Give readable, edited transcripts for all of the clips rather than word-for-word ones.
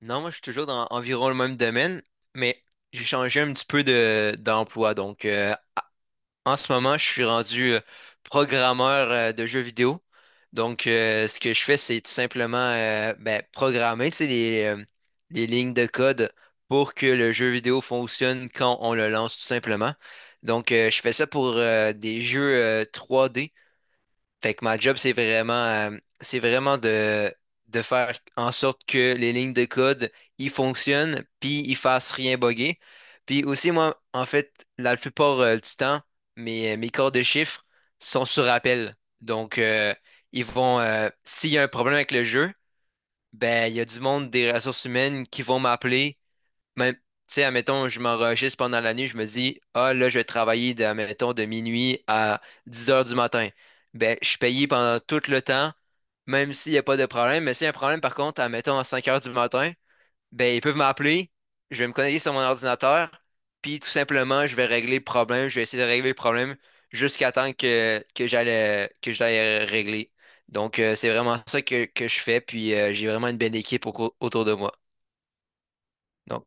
Non, moi, je suis toujours dans environ le même domaine, mais j'ai changé un petit peu d'emploi. Donc, en ce moment, je suis rendu programmeur de jeux vidéo. Donc, ce que je fais, c'est tout simplement programmer, tu sais, les lignes de code pour que le jeu vidéo fonctionne quand on le lance, tout simplement. Donc, je fais ça pour des jeux 3D. Fait que ma job, c'est c'est vraiment de faire en sorte que les lignes de code, ils fonctionnent, puis ils fassent rien bugger. Puis aussi, moi, en fait, la plupart du temps, mes corps de chiffres sont sur appel. Donc, ils vont, s'il y a un problème avec le jeu, ben, il y a du monde des ressources humaines qui vont m'appeler même, tu sais, admettons, je m'enregistre pendant la nuit, je me dis, ah, là, je vais travailler, admettons, de minuit à 10 heures du matin. Ben, je suis payé pendant tout le temps, même s'il n'y a pas de problème. Mais s'il y a un problème, par contre, admettons, à 5 heures du matin, ben, ils peuvent m'appeler, je vais me connecter sur mon ordinateur, puis tout simplement, je vais régler le problème, je vais essayer de régler le problème jusqu'à temps que j'aille régler. Donc, c'est vraiment ça que je fais, puis j'ai vraiment une belle équipe autour de moi. Donc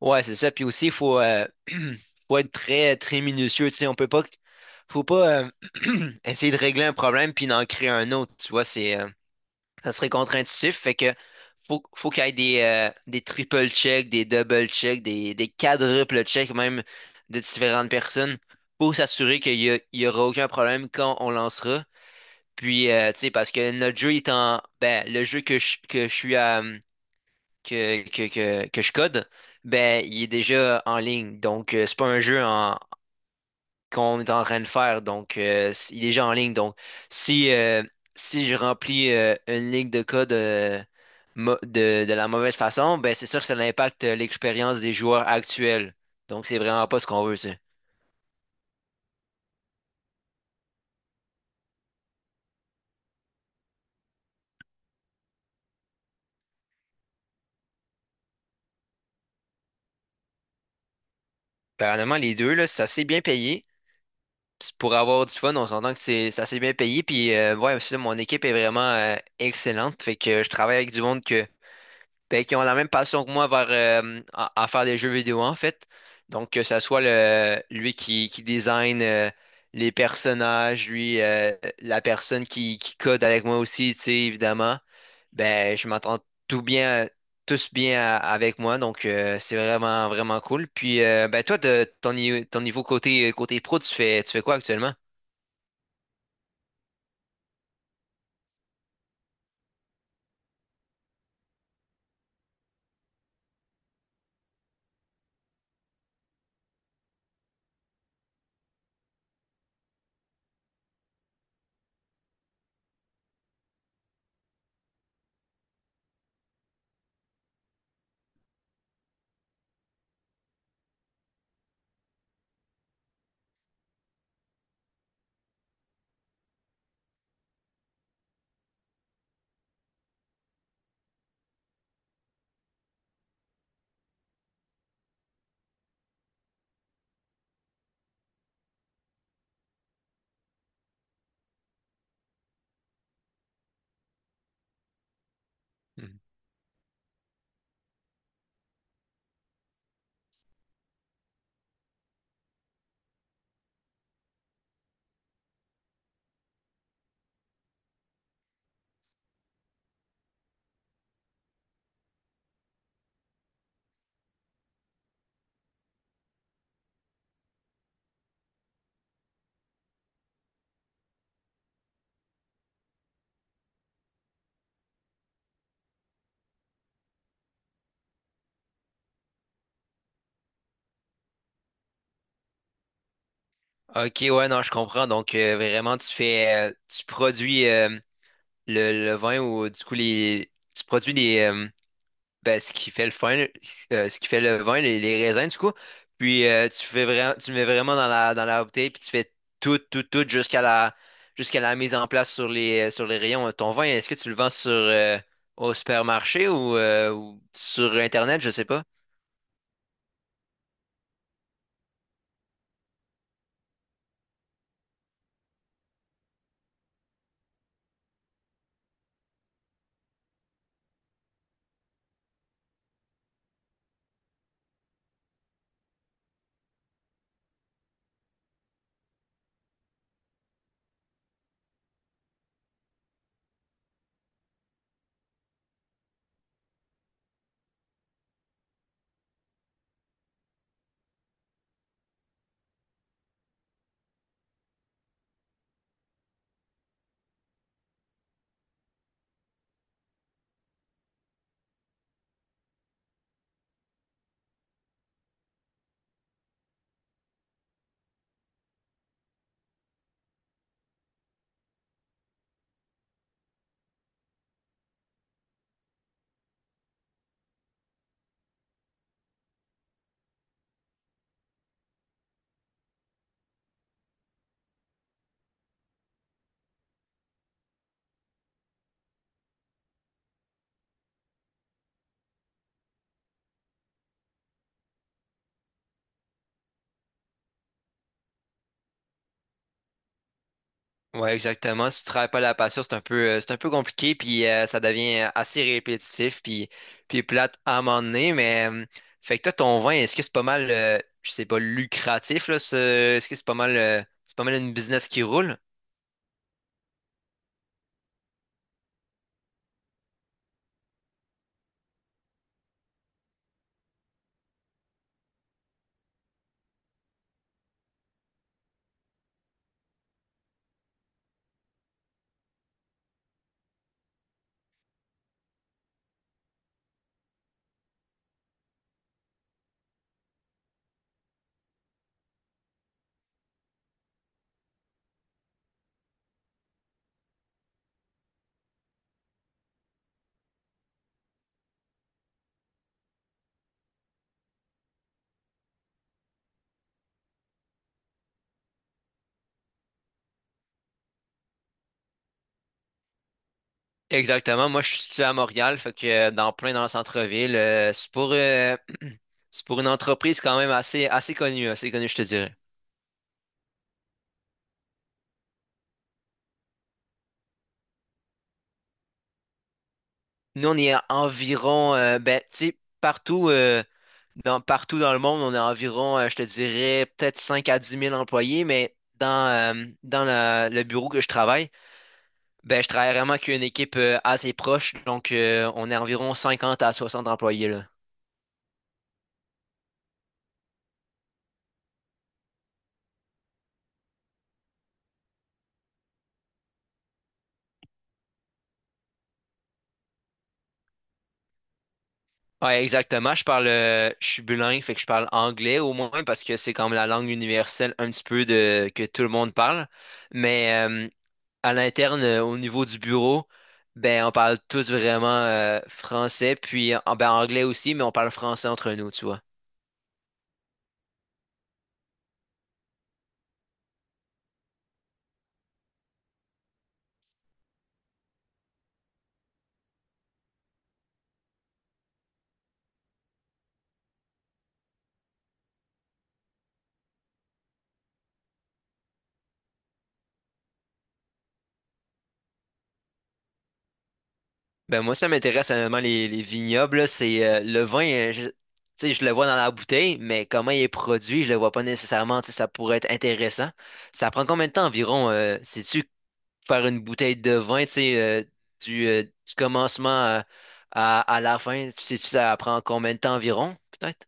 Ouais, c'est ça. Puis aussi, il faut être très, très minutieux. Tu sais, on peut pas, faut pas essayer de régler un problème puis d'en créer un autre. Tu vois, ça serait contre-intuitif. Fait que faut qu'il y ait des triple checks, des double checks, des quadruple checks même de différentes personnes pour s'assurer il y aura aucun problème quand on lancera. Puis, tu sais, parce que notre jeu est en, ben, le jeu que je suis à, que je code, ben, il est déjà en ligne. Donc, c'est pas un jeu qu'on est en train de faire. Donc, il est déjà en ligne. Donc, si, euh, si je remplis une ligne de code de la mauvaise façon, ben, c'est sûr que ça impacte l'expérience des joueurs actuels. Donc, c'est vraiment pas ce qu'on veut, ça. Apparemment, les deux, là, c'est assez bien payé. Puis pour avoir du fun, on s'entend que c'est assez bien payé. Puis ouais, c'est ça, mon équipe est vraiment excellente. Fait que je travaille avec du monde que, ben, qui ont la même passion que moi à faire des jeux vidéo en fait. Donc que ça soit le lui qui design les personnages, lui la personne qui code avec moi aussi, tu sais, évidemment. Ben je m'entends tout bien, tous bien avec moi. Donc c'est vraiment cool. Puis ben toi, de ton, ni- ton niveau côté pro, tu fais quoi actuellement? Mhm. Ok, ouais, non, je comprends. Donc, vraiment, tu produis le vin ou du coup, tu produis ben, ce qui fait le vin, ce qui fait le vin, les raisins, du coup. Puis, tu fais vraiment, tu le mets vraiment dans dans la bouteille, puis tu fais tout jusqu'à jusqu'à la mise en place sur sur les rayons. Ton vin, est-ce que tu le vends au supermarché ou sur Internet? Je sais pas. Ouais, exactement. Si tu travailles pas la passion, c'est un c'est un peu compliqué, puis ça devient assez répétitif, puis plate à un moment donné. Mais fait que toi, ton vin, est-ce que c'est pas mal, je sais pas, lucratif là, est-ce que c'est pas mal une business qui roule? Exactement. Moi, je suis situé à Montréal, fait que dans plein dans le centre-ville, c'est pour, c'est pour une entreprise quand même assez connue, je te dirais. Nous, on est à environ, ben, tu sais, partout, partout dans le monde, on a environ, je te dirais, peut-être 5 à dix mille employés, mais dans le bureau que je travaille, ben, je travaille vraiment qu'une équipe assez proche, donc on est environ 50 à 60 employés, là. Ouais, exactement. Je parle, je suis bilingue, fait que je parle anglais au moins parce que c'est comme la langue universelle un petit peu de que tout le monde parle. Mais à l'interne, au niveau du bureau, ben, on parle tous vraiment français, puis en, ben, anglais aussi, mais on parle français entre nous, tu vois. Ben, moi, ça m'intéresse honnêtement, les vignobles, là, c'est le vin, je, tu sais, je le vois dans la bouteille, mais comment il est produit, je le vois pas nécessairement, tu sais, ça pourrait être intéressant. Ça prend combien de temps environ, sais-tu, faire une bouteille de vin, tu sais, du commencement à la fin, sais-tu, ça prend combien de temps environ, peut-être?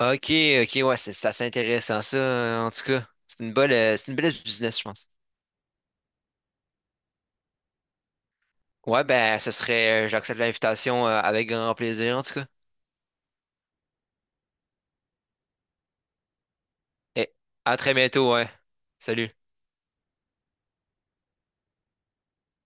Ok, ok, ouais, c'est assez intéressant ça, en tout cas. C'est une c'est une belle business, je pense. Ouais, ben, ce serait, j'accepte l'invitation, avec grand plaisir, en tout cas. Et à très bientôt, ouais. Salut.